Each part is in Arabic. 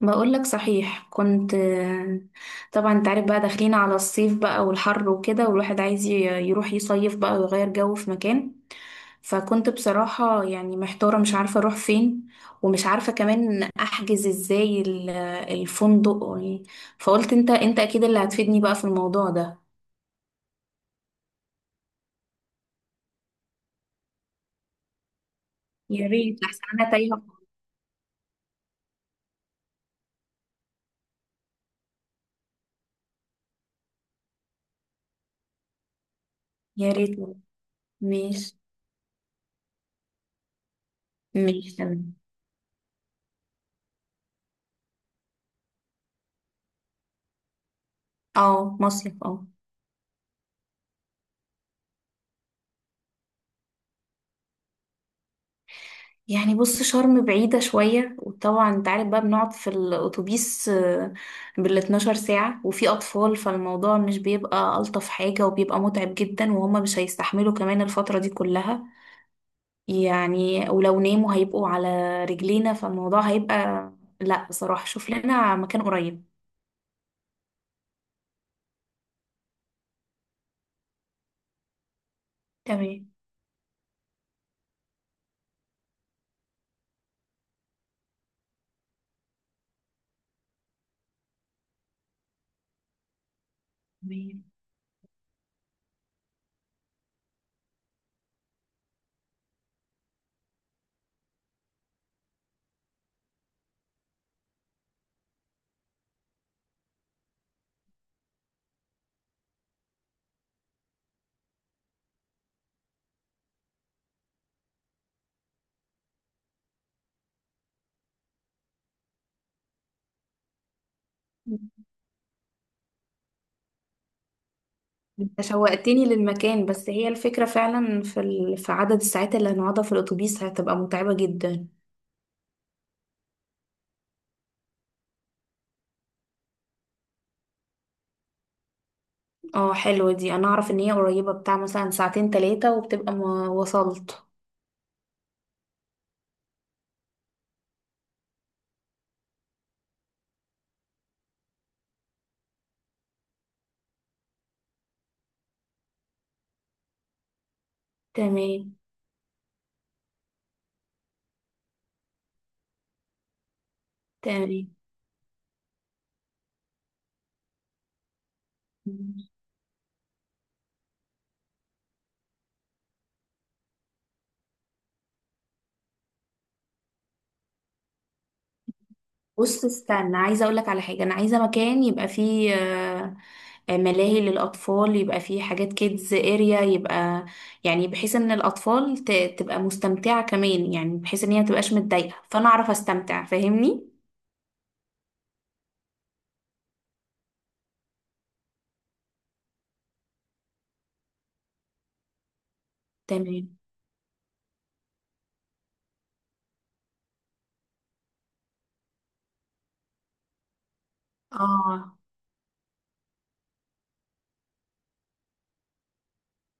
بقول لك صحيح كنت. طبعا انت عارف بقى، داخلين على الصيف بقى والحر وكده، والواحد عايز يروح يصيف بقى ويغير جو في مكان. فكنت بصراحة يعني محتارة، مش عارفة اروح فين، ومش عارفة كمان احجز ازاي الفندق. فقلت انت اكيد اللي هتفيدني بقى في الموضوع ده. يا ريت، احسن انا تايهة. يا ريت. ماشي. ماشي تمام. اه، مصيف، اه. يعني بص، شرم بعيدة شوية، وطبعا انت عارف بقى بنقعد في الأتوبيس بال 12 ساعة وفي أطفال، فالموضوع مش بيبقى ألطف حاجة، وبيبقى متعب جدا، وهما مش هيستحملوا كمان الفترة دي كلها. يعني ولو ناموا هيبقوا على رجلينا، فالموضوع هيبقى، لا بصراحة شوف لنا مكان قريب. تمام. تمام، انت شوقتني للمكان، بس هي الفكرة فعلا في في عدد الساعات اللي هنقعدها في الأتوبيس هتبقى متعبة جدا. اه حلوة دي، انا اعرف ان هي قريبة، بتاع مثلا ساعتين تلاتة وبتبقى ما وصلت. تمام. تمام. بص استنى، عايزة اقولك على حاجة. انا عايزة مكان يبقى فيه ملاهي للاطفال، يبقى فيه حاجات كيدز اريا، يبقى يعني بحيث ان الاطفال تبقى مستمتعة كمان، يعني بحيث ان هي متبقاش متضايقة، فانا اعرف استمتع. فاهمني؟ تمام. اه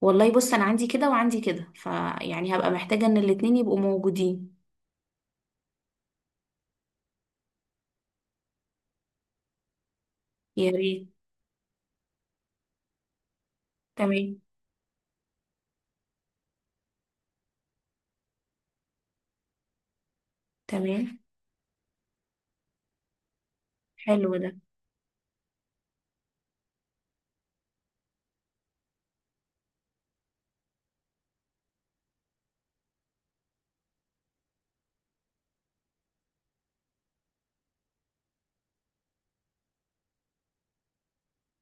والله بص، انا عندي كده وعندي كده، فيعني هبقى محتاجة ان الاتنين يبقوا موجودين. يا ريت. تمام. تمام. حلو ده.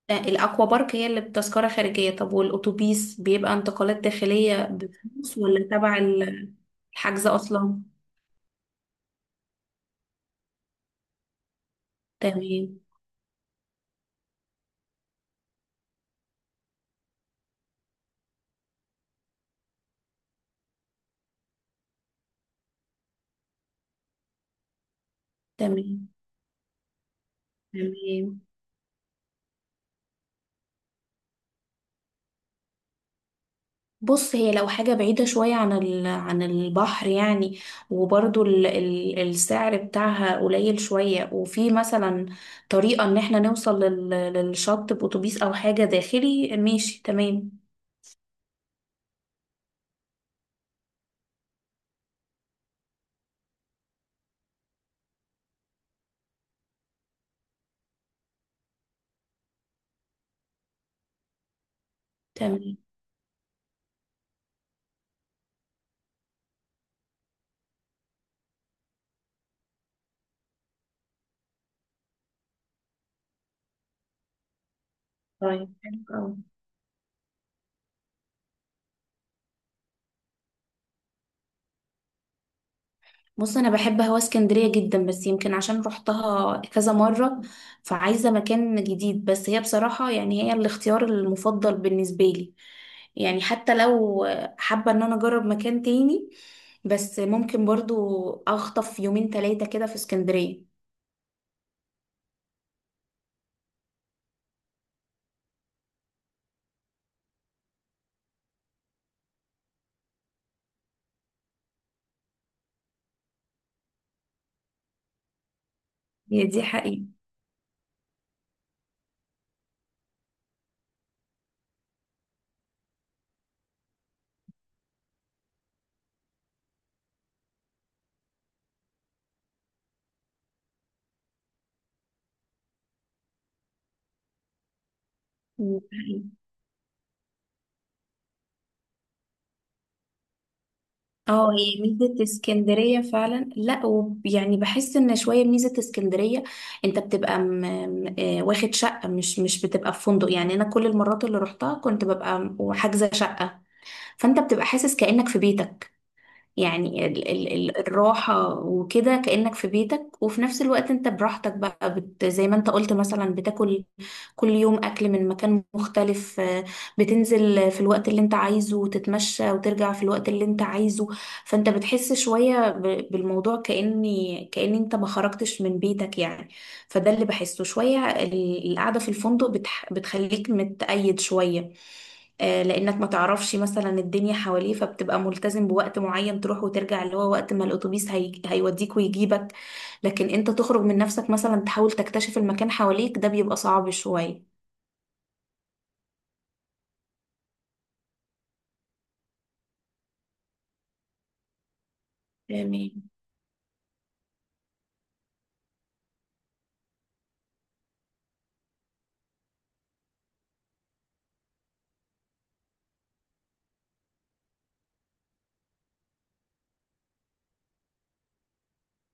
ده الأكوا بارك هي اللي بتذكرة خارجية؟ طب والأتوبيس بيبقى انتقالات داخلية بفلوس، ولا تبع الحجز أصلا؟ تمام. تمام. تمام. بص، هي لو حاجة بعيدة شوية عن عن البحر يعني، وبرضو السعر بتاعها قليل شوية، وفي مثلا طريقة إن احنا نوصل للشط بأتوبيس أو حاجة داخلي، ماشي تمام. تمام. طيب حلو أوي. بص، انا بحب هوا اسكندريه جدا، بس يمكن عشان رحتها كذا مره فعايزه مكان جديد. بس هي بصراحه يعني هي الاختيار المفضل بالنسبه لي. يعني حتى لو حابه ان انا اجرب مكان تاني، بس ممكن برضو اخطف يومين ثلاثه كده في اسكندريه. هي دي حقيقة. مم. اه، هي ميزة اسكندرية فعلا. لا يعني بحس ان شوية ميزة اسكندرية، انت بتبقى واخد شقة، مش بتبقى في فندق. يعني انا كل المرات اللي روحتها كنت ببقى وحاجزة شقة، فانت بتبقى حاسس كأنك في بيتك. يعني ال الراحة وكده، كأنك في بيتك، وفي نفس الوقت انت براحتك بقى، زي ما انت قلت مثلا، بتاكل كل يوم أكل من مكان مختلف. بتنزل في الوقت اللي انت عايزه وتتمشى، وترجع في الوقت اللي انت عايزه. فانت بتحس شوية بالموضوع، كأن انت ما خرجتش من بيتك يعني. فده اللي بحسه، شوية القعدة في الفندق بتخليك متقيد شوية. لانك ما تعرفش مثلا الدنيا حواليه، فبتبقى ملتزم بوقت معين تروح وترجع، اللي هو وقت ما الاتوبيس هيوديك ويجيبك. لكن انت تخرج من نفسك مثلا، تحاول تكتشف المكان حواليك، ده بيبقى صعب شوية. تمام.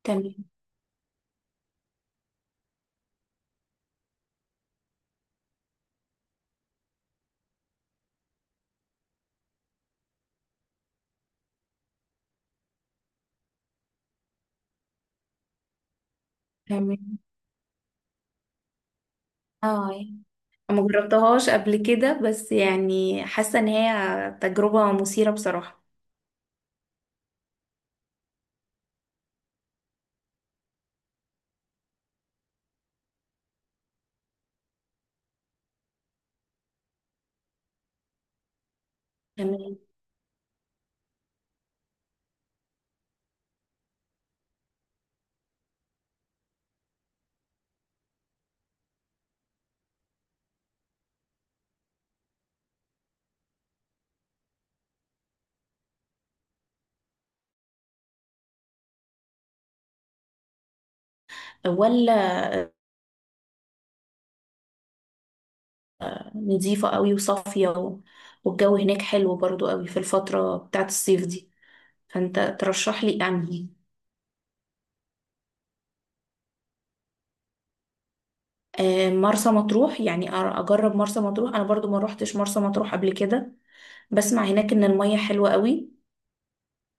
تمام. تمام. اه، ما جربتهاش قبل كده، بس يعني حاسة ان هي تجربة مثيرة بصراحة. تمام. ولا، نظيفة قوي وصافية والجو هناك حلو برضو قوي في الفترة بتاعت الصيف دي. فانت ترشح لي انهي؟ مرسى مطروح يعني، اجرب مرسى مطروح. انا برضو ما روحتش مرسى مطروح قبل كده، بسمع هناك ان المية حلوة قوي،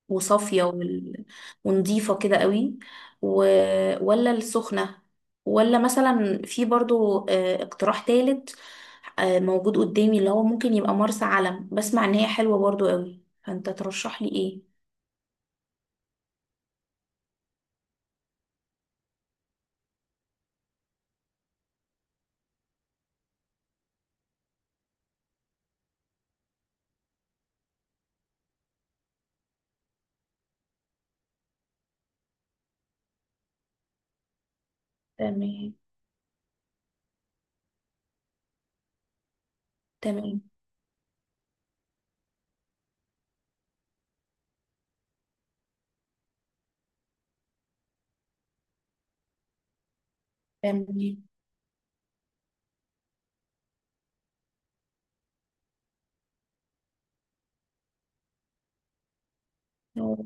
وصافية ونضيفة كده قوي و... ولا السخنة، ولا مثلا في برضو اقتراح تالت موجود قدامي، اللي هو ممكن يبقى مرسى علم، بسمع ان هي حلوة برضو قوي. فانت ترشح لي ايه؟ تمام. تمام. تمام.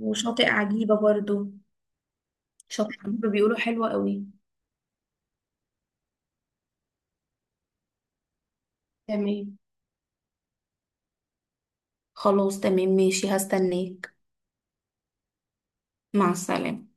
وشاطئ عجيبة برضو. شاطئ عجيبة بيقولوا حلوة قوي. تمام. خلاص تمام ماشي، هستناك. مع السلامة.